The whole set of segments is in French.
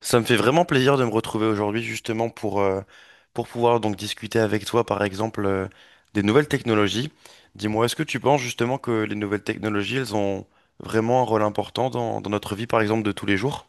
Ça me fait vraiment plaisir de me retrouver aujourd'hui justement pour pouvoir donc discuter avec toi par exemple des nouvelles technologies. Dis-moi, est-ce que tu penses justement que les nouvelles technologies, elles ont vraiment un rôle important dans notre vie par exemple de tous les jours?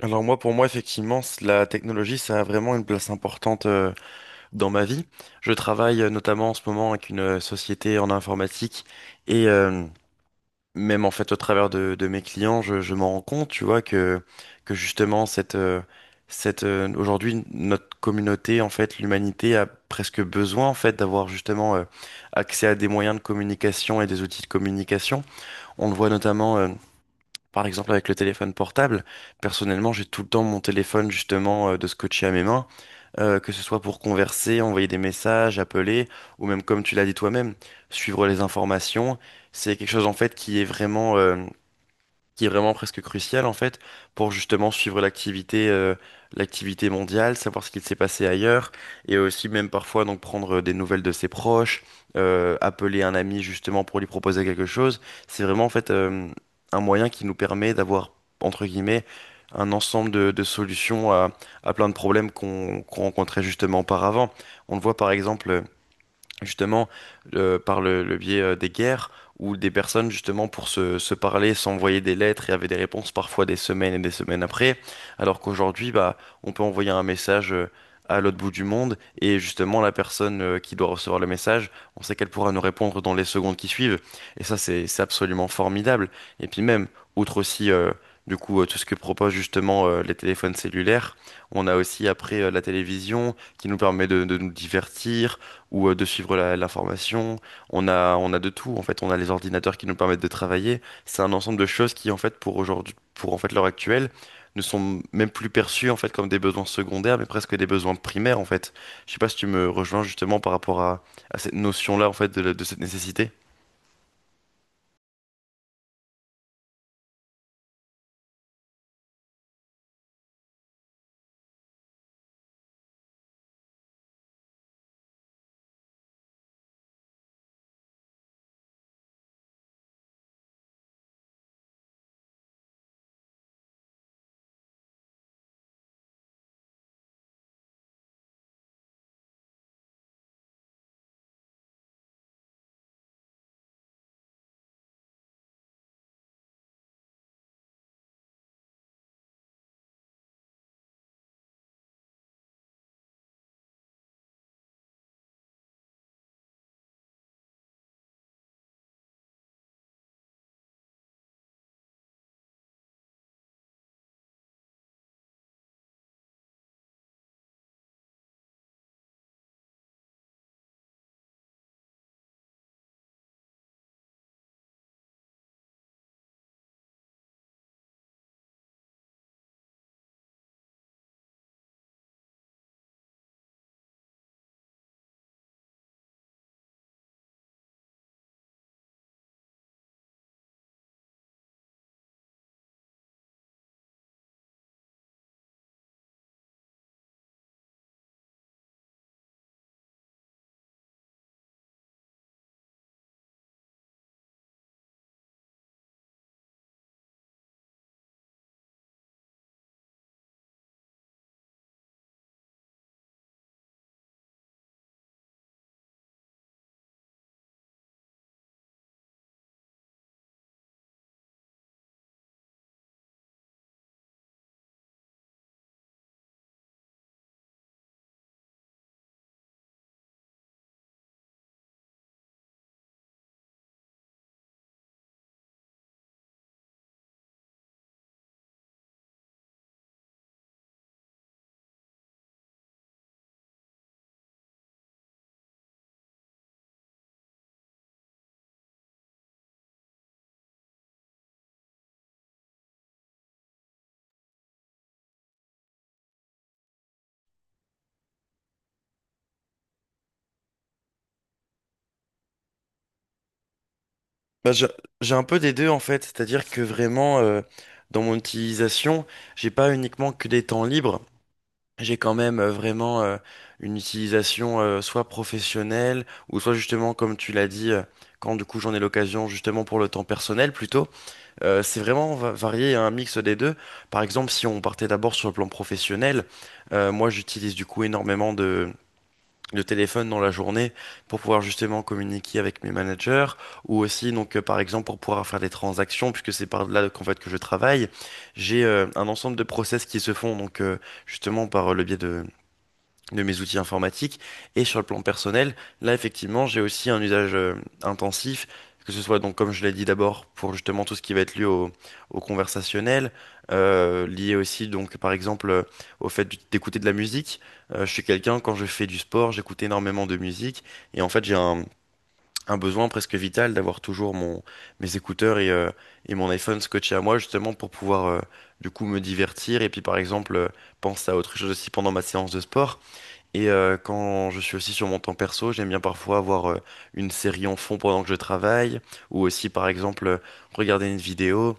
Alors moi, pour moi, effectivement, la technologie, ça a vraiment une place importante dans ma vie. Je travaille notamment en ce moment avec une société en informatique et même en fait au travers de mes clients, je m'en rends compte, tu vois, que justement, cette, aujourd'hui, notre communauté, en fait, l'humanité a presque besoin, en fait, d'avoir justement accès à des moyens de communication et des outils de communication. On le voit notamment, par exemple, avec le téléphone portable, personnellement, j'ai tout le temps mon téléphone justement de scotché à mes mains, que ce soit pour converser, envoyer des messages, appeler, ou même comme tu l'as dit toi-même, suivre les informations. C'est quelque chose en fait qui est vraiment presque crucial en fait pour justement suivre l'activité l'activité mondiale, savoir ce qu'il s'est passé ailleurs et aussi même parfois donc prendre des nouvelles de ses proches, appeler un ami justement pour lui proposer quelque chose. C'est vraiment en fait un moyen qui nous permet d'avoir entre guillemets un ensemble de solutions à plein de problèmes qu'on rencontrait justement auparavant. On le voit par exemple justement par le biais des guerres où des personnes justement pour se parler s'envoyaient des lettres et avaient des réponses parfois des semaines et des semaines après, alors qu'aujourd'hui bah on peut envoyer un message à l'autre bout du monde et justement la personne qui doit recevoir le message, on sait qu'elle pourra nous répondre dans les secondes qui suivent et ça c'est absolument formidable et puis même outre aussi du coup, tout ce que proposent justement les téléphones cellulaires. On a aussi après la télévision qui nous permet de nous divertir, ou de suivre la formation. On a de tout, en fait. On a les ordinateurs qui nous permettent de travailler. C'est un ensemble de choses qui, en fait, pour aujourd'hui, pour en fait l'heure actuelle, ne sont même plus perçues, en fait, comme des besoins secondaires, mais presque des besoins primaires, en fait. Je sais pas si tu me rejoins justement par rapport à cette notion-là, en fait, de cette nécessité. Bah, j'ai un peu des deux en fait, c'est-à-dire que vraiment dans mon utilisation, j'ai pas uniquement que des temps libres. J'ai quand même vraiment une utilisation soit professionnelle ou soit justement comme tu l'as dit quand du coup j'en ai l'occasion justement pour le temps personnel plutôt. C'est vraiment varié un mix des deux. Par exemple si on partait d'abord sur le plan professionnel, moi j'utilise du coup énormément de téléphone dans la journée pour pouvoir justement communiquer avec mes managers ou aussi donc par exemple pour pouvoir faire des transactions puisque c'est par là qu'en fait que je travaille. J'ai un ensemble de process qui se font donc justement par le biais de mes outils informatiques. Et sur le plan personnel, là, effectivement, j'ai aussi un usage intensif, que ce soit donc, comme je l'ai dit d'abord, pour justement tout ce qui va être lié au, au conversationnel, lié aussi, donc, par exemple, au fait d'écouter de la musique. Je suis quelqu'un, quand je fais du sport, j'écoute énormément de musique, et en fait, un besoin presque vital d'avoir toujours mes écouteurs et mon iPhone scotché à moi, justement, pour pouvoir, du coup, me divertir, et puis, par exemple, penser à autre chose aussi pendant ma séance de sport. Et quand je suis aussi sur mon temps perso, j'aime bien parfois avoir une série en fond pendant que je travaille, ou aussi par exemple regarder une vidéo,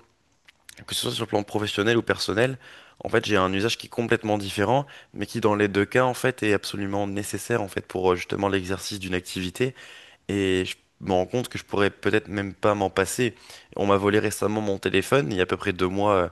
que ce soit sur le plan professionnel ou personnel. En fait, j'ai un usage qui est complètement différent, mais qui dans les deux cas en fait est absolument nécessaire en fait pour justement l'exercice d'une activité. Et je me rends compte que je pourrais peut-être même pas m'en passer. On m'a volé récemment mon téléphone, il y a à peu près deux mois,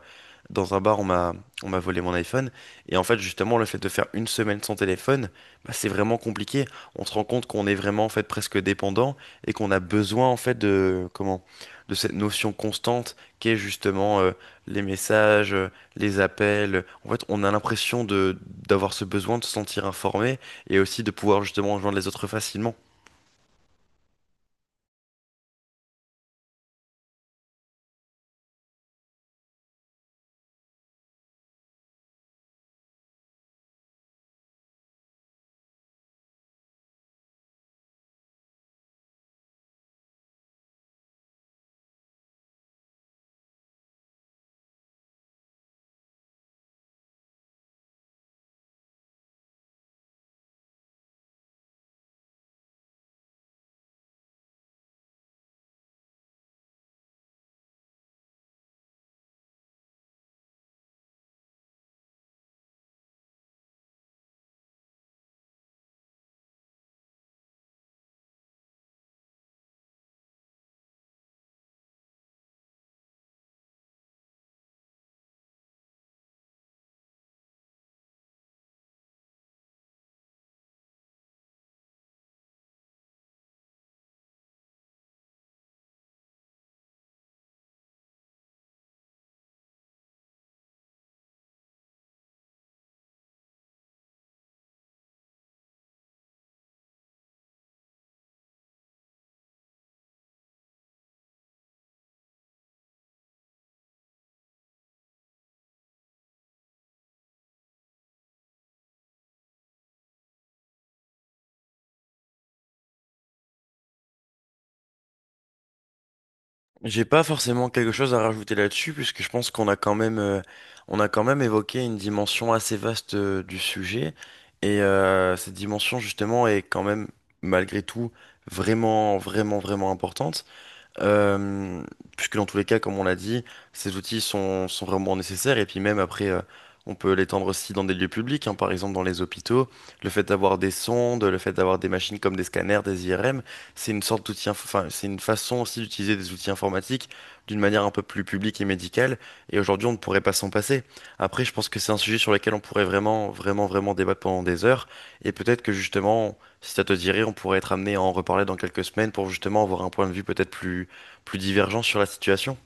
dans un bar, on m'a volé mon iPhone. Et en fait, justement, le fait de faire une semaine sans téléphone, bah, c'est vraiment compliqué. On se rend compte qu'on est vraiment en fait presque dépendant et qu'on a besoin en fait de comment de cette notion constante qu'est justement les messages, les appels. En fait, on a l'impression de d'avoir ce besoin de se sentir informé et aussi de pouvoir justement rejoindre les autres facilement. J'ai pas forcément quelque chose à rajouter là-dessus, puisque je pense qu'on a quand même, on a quand même évoqué une dimension assez vaste du sujet, et cette dimension justement est quand même, malgré tout, vraiment, vraiment, vraiment importante. Euh, puisque dans tous les cas, comme on l'a dit, ces outils sont vraiment nécessaires. Et puis même après, on peut l'étendre aussi dans des lieux publics, hein, par exemple dans les hôpitaux. Le fait d'avoir des sondes, le fait d'avoir des machines comme des scanners, des IRM, c'est une sorte enfin, c'est une façon aussi d'utiliser des outils informatiques d'une manière un peu plus publique et médicale. Et aujourd'hui, on ne pourrait pas s'en passer. Après, je pense que c'est un sujet sur lequel on pourrait vraiment, vraiment, vraiment débattre pendant des heures. Et peut-être que justement, si ça te dirait, on pourrait être amené à en reparler dans quelques semaines pour justement avoir un point de vue peut-être plus divergents sur la situation.